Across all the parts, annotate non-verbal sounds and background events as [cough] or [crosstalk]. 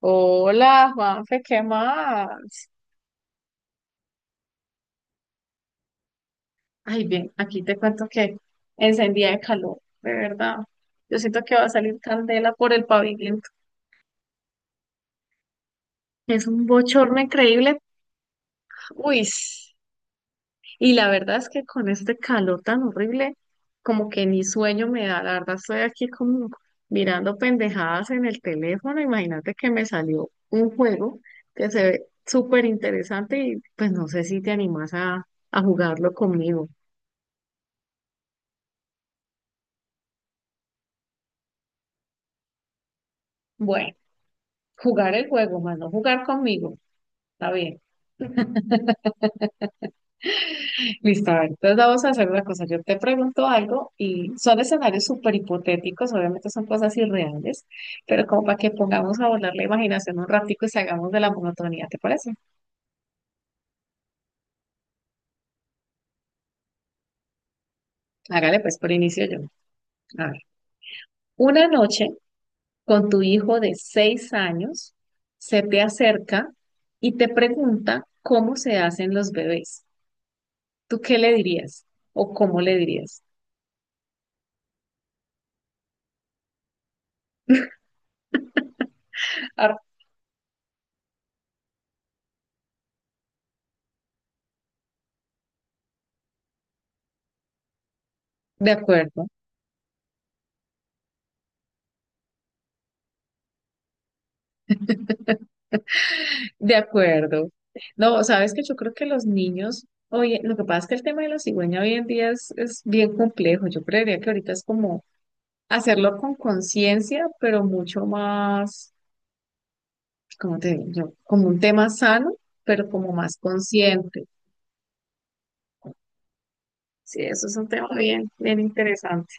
Hola, Juanfe, ¿qué más? Ay, bien, aquí te cuento que encendía de calor, de verdad. Yo siento que va a salir candela por el pavimento. Es un bochorno increíble. Uy, s- y la verdad es que con este calor tan horrible, como que ni sueño me da. La verdad, estoy aquí como mirando pendejadas en el teléfono. Imagínate que me salió un juego que se ve súper interesante y pues no sé si te animas a jugarlo conmigo. Bueno. Jugar el juego, mano, jugar conmigo. Está bien. Listo, a ver. Entonces vamos a hacer una cosa. Yo te pregunto algo y son escenarios súper hipotéticos, obviamente son cosas irreales, pero como para que pongamos a volar la imaginación un ratico y salgamos de la monotonía, ¿te parece? Hágale pues por inicio yo. A ver. Una noche con tu hijo de 6 años se te acerca y te pregunta cómo se hacen los bebés. ¿Tú qué le dirías? ¿O cómo le dirías? Ah, de acuerdo. De acuerdo. No, sabes que yo creo que los niños, oye, lo que pasa es que el tema de la cigüeña hoy en día es bien complejo. Yo creería que ahorita es como hacerlo con conciencia, pero mucho más, ¿cómo te digo yo? Como un tema sano, pero como más consciente. Sí, eso es un tema bien, bien interesante.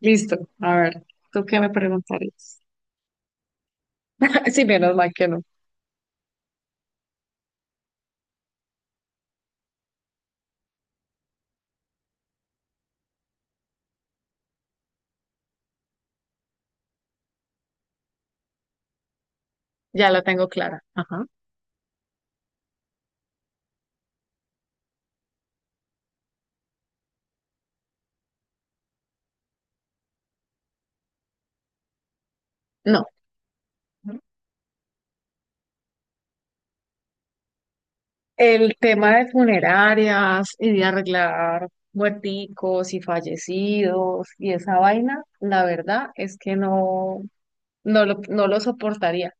Listo. A ver, ¿tú qué me preguntarías? [laughs] Sí, menos mal que no. Ya la tengo clara. Ajá. No. El tema de funerarias y de arreglar muerticos y fallecidos y esa vaina, la verdad es que no, no lo soportaría.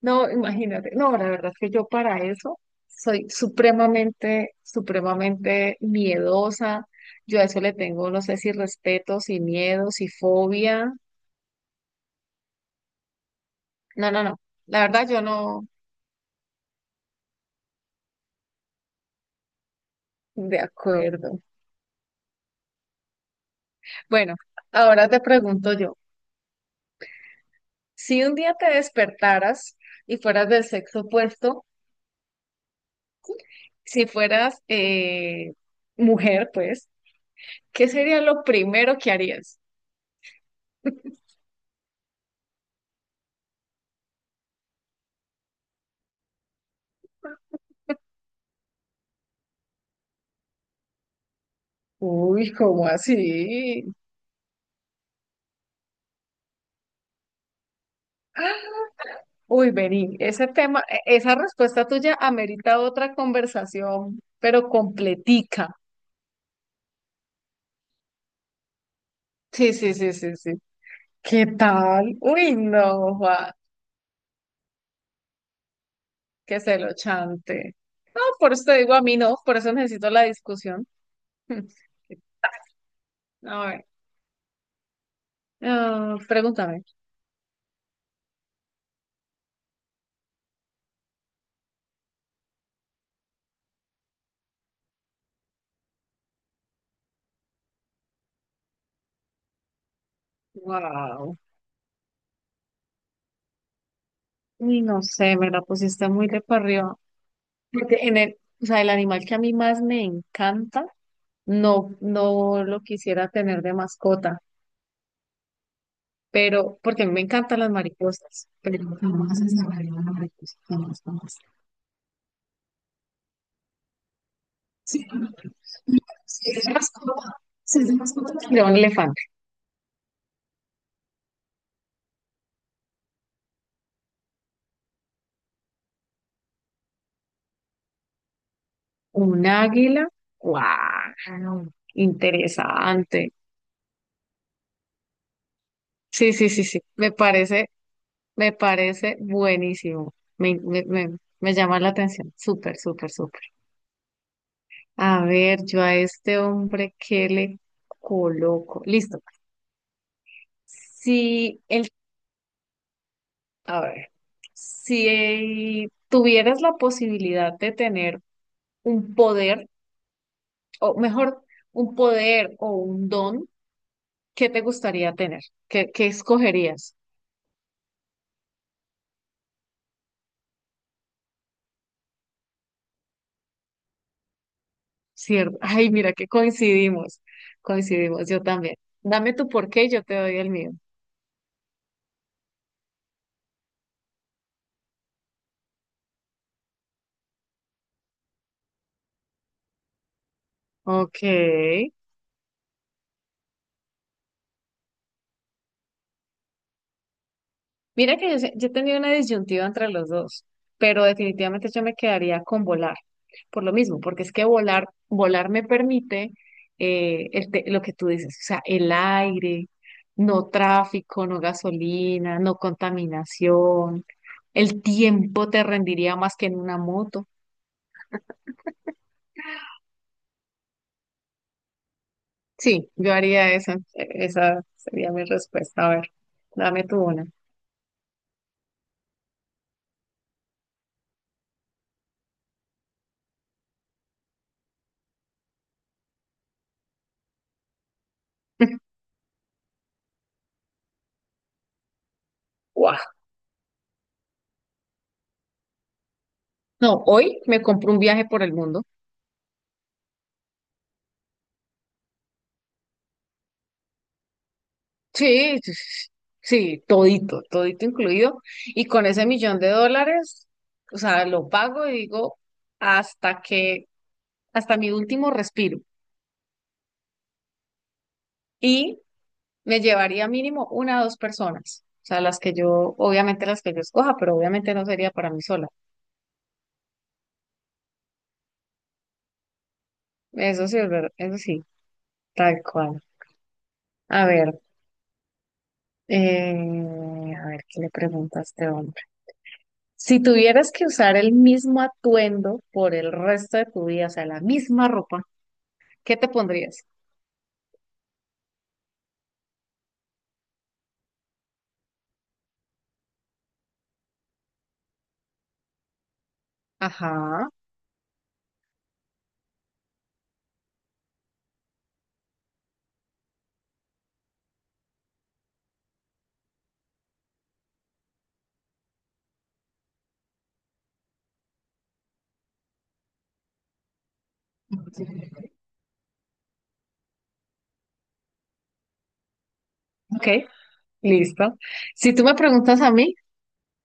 No, imagínate, no, la verdad es que yo para eso soy supremamente, supremamente miedosa. Yo a eso le tengo, no sé si respeto, si miedo, si fobia. No, no, no. La verdad yo no, de acuerdo. Bueno, ahora te pregunto yo. Si un día te despertaras y fueras del sexo opuesto, si fueras mujer, pues, ¿qué sería lo primero que harías? Uy, ¿cómo así? [gasps] Uy, vení, ese tema, esa respuesta tuya amerita otra conversación, pero completica. Sí, sí, sí, sí, sí. ¿Qué tal? Uy, no, Juan, que se lo chante. No, por eso te digo a mí no, por eso necesito la discusión. [laughs] A ver, ah, pregúntame. Wow. Uy, no sé, me la pusiste muy de para arriba. Porque en el, o sea, el animal que a mí más me encanta, no, no lo quisiera tener de mascota, pero porque a mí me encantan las mariposas, pero jamás encerraría una mariposa, jamás, jamás. Sí, si es de mascota, si es de mascota, tendría un elefante, un águila, wow, interesante. Sí, sí, sí, sí, me parece. Me parece buenísimo. Me, me llama la atención. Súper, súper, súper. A ver, yo a este hombre, ¿qué le coloco? Listo. Si el, a ver, si tuvieras la posibilidad de tener un poder, o mejor, un poder o un don, ¿qué te gustaría tener? ¿Qué, qué escogerías? ¿Cierto? Ay, mira que coincidimos. Coincidimos, yo también. Dame tu porqué y yo te doy el mío. Ok. Mira que yo, yo tenía una disyuntiva entre los dos, pero definitivamente yo me quedaría con volar, por lo mismo, porque es que volar, volar me permite lo que tú dices, o sea, el aire, no tráfico, no gasolina, no contaminación, el tiempo te rendiría más que en una moto. Sí, yo haría eso, esa sería mi respuesta. A ver, dame tu una. [laughs] Guau. No, hoy me compro un viaje por el mundo. Sí, sí, sí, sí, todito, todito incluido. Y con ese millón de dólares, o sea, lo pago y digo hasta que, hasta mi último respiro. Y me llevaría mínimo una o dos personas. O sea, las que yo, obviamente las que yo escoja, pero obviamente no sería para mí sola. Eso sí, es verdad, eso sí, tal cual. A ver, eh, a ver, ¿qué le pregunta a este hombre? Si tuvieras que usar el mismo atuendo por el resto de tu vida, o sea, la misma ropa, ¿qué te pondrías? Ajá. Ok, listo. Si tú me preguntas a mí,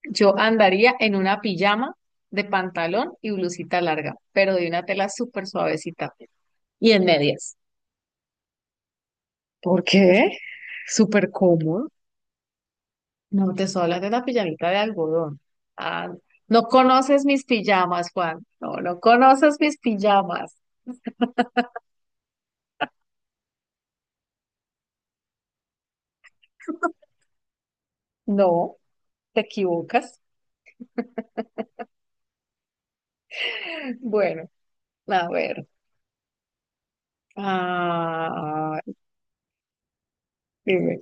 yo andaría en una pijama de pantalón y blusita larga, pero de una tela súper suavecita y en medias. ¿Por qué? Súper cómodo. No, te estoy hablando de una pijamita de algodón. Ah, no conoces mis pijamas, Juan. No, no conoces mis pijamas. No, te equivocas. Bueno, a ver. Ah, dime.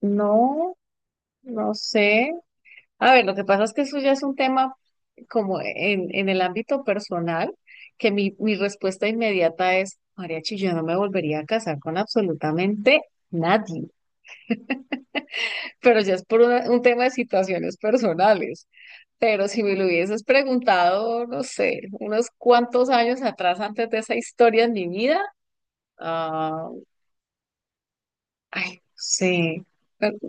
No. No sé. A ver, lo que pasa es que eso ya es un tema como en el ámbito personal, que mi respuesta inmediata es, mariachi, yo no me volvería a casar con absolutamente nadie. Pero ya es por un tema de situaciones personales. Pero si me lo hubieses preguntado, no sé, unos cuantos años atrás antes de esa historia en mi vida, ah, ay, no sé.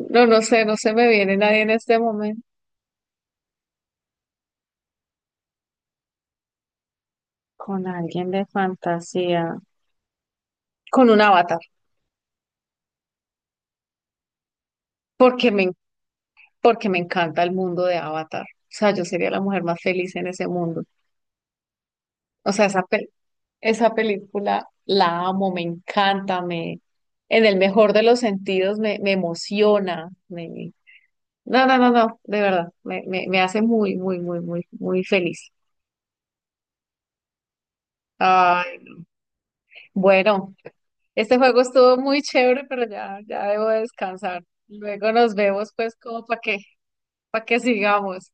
No, no sé, no se me viene nadie en este momento. Con alguien de fantasía. Con una bata. porque me, porque me encanta el mundo de Avatar. O sea, yo sería la mujer más feliz en ese mundo. O sea, esa, esa película la amo, me encanta, me, en el mejor de los sentidos me, me emociona. Me, no, no, no, no, de verdad, me hace muy, muy, muy, muy, muy feliz. Ay, bueno, este juego estuvo muy chévere, pero ya, ya debo descansar. Luego nos vemos, pues, como para que sigamos.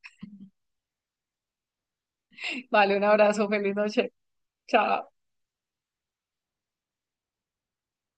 Vale, un abrazo, feliz noche. Chao.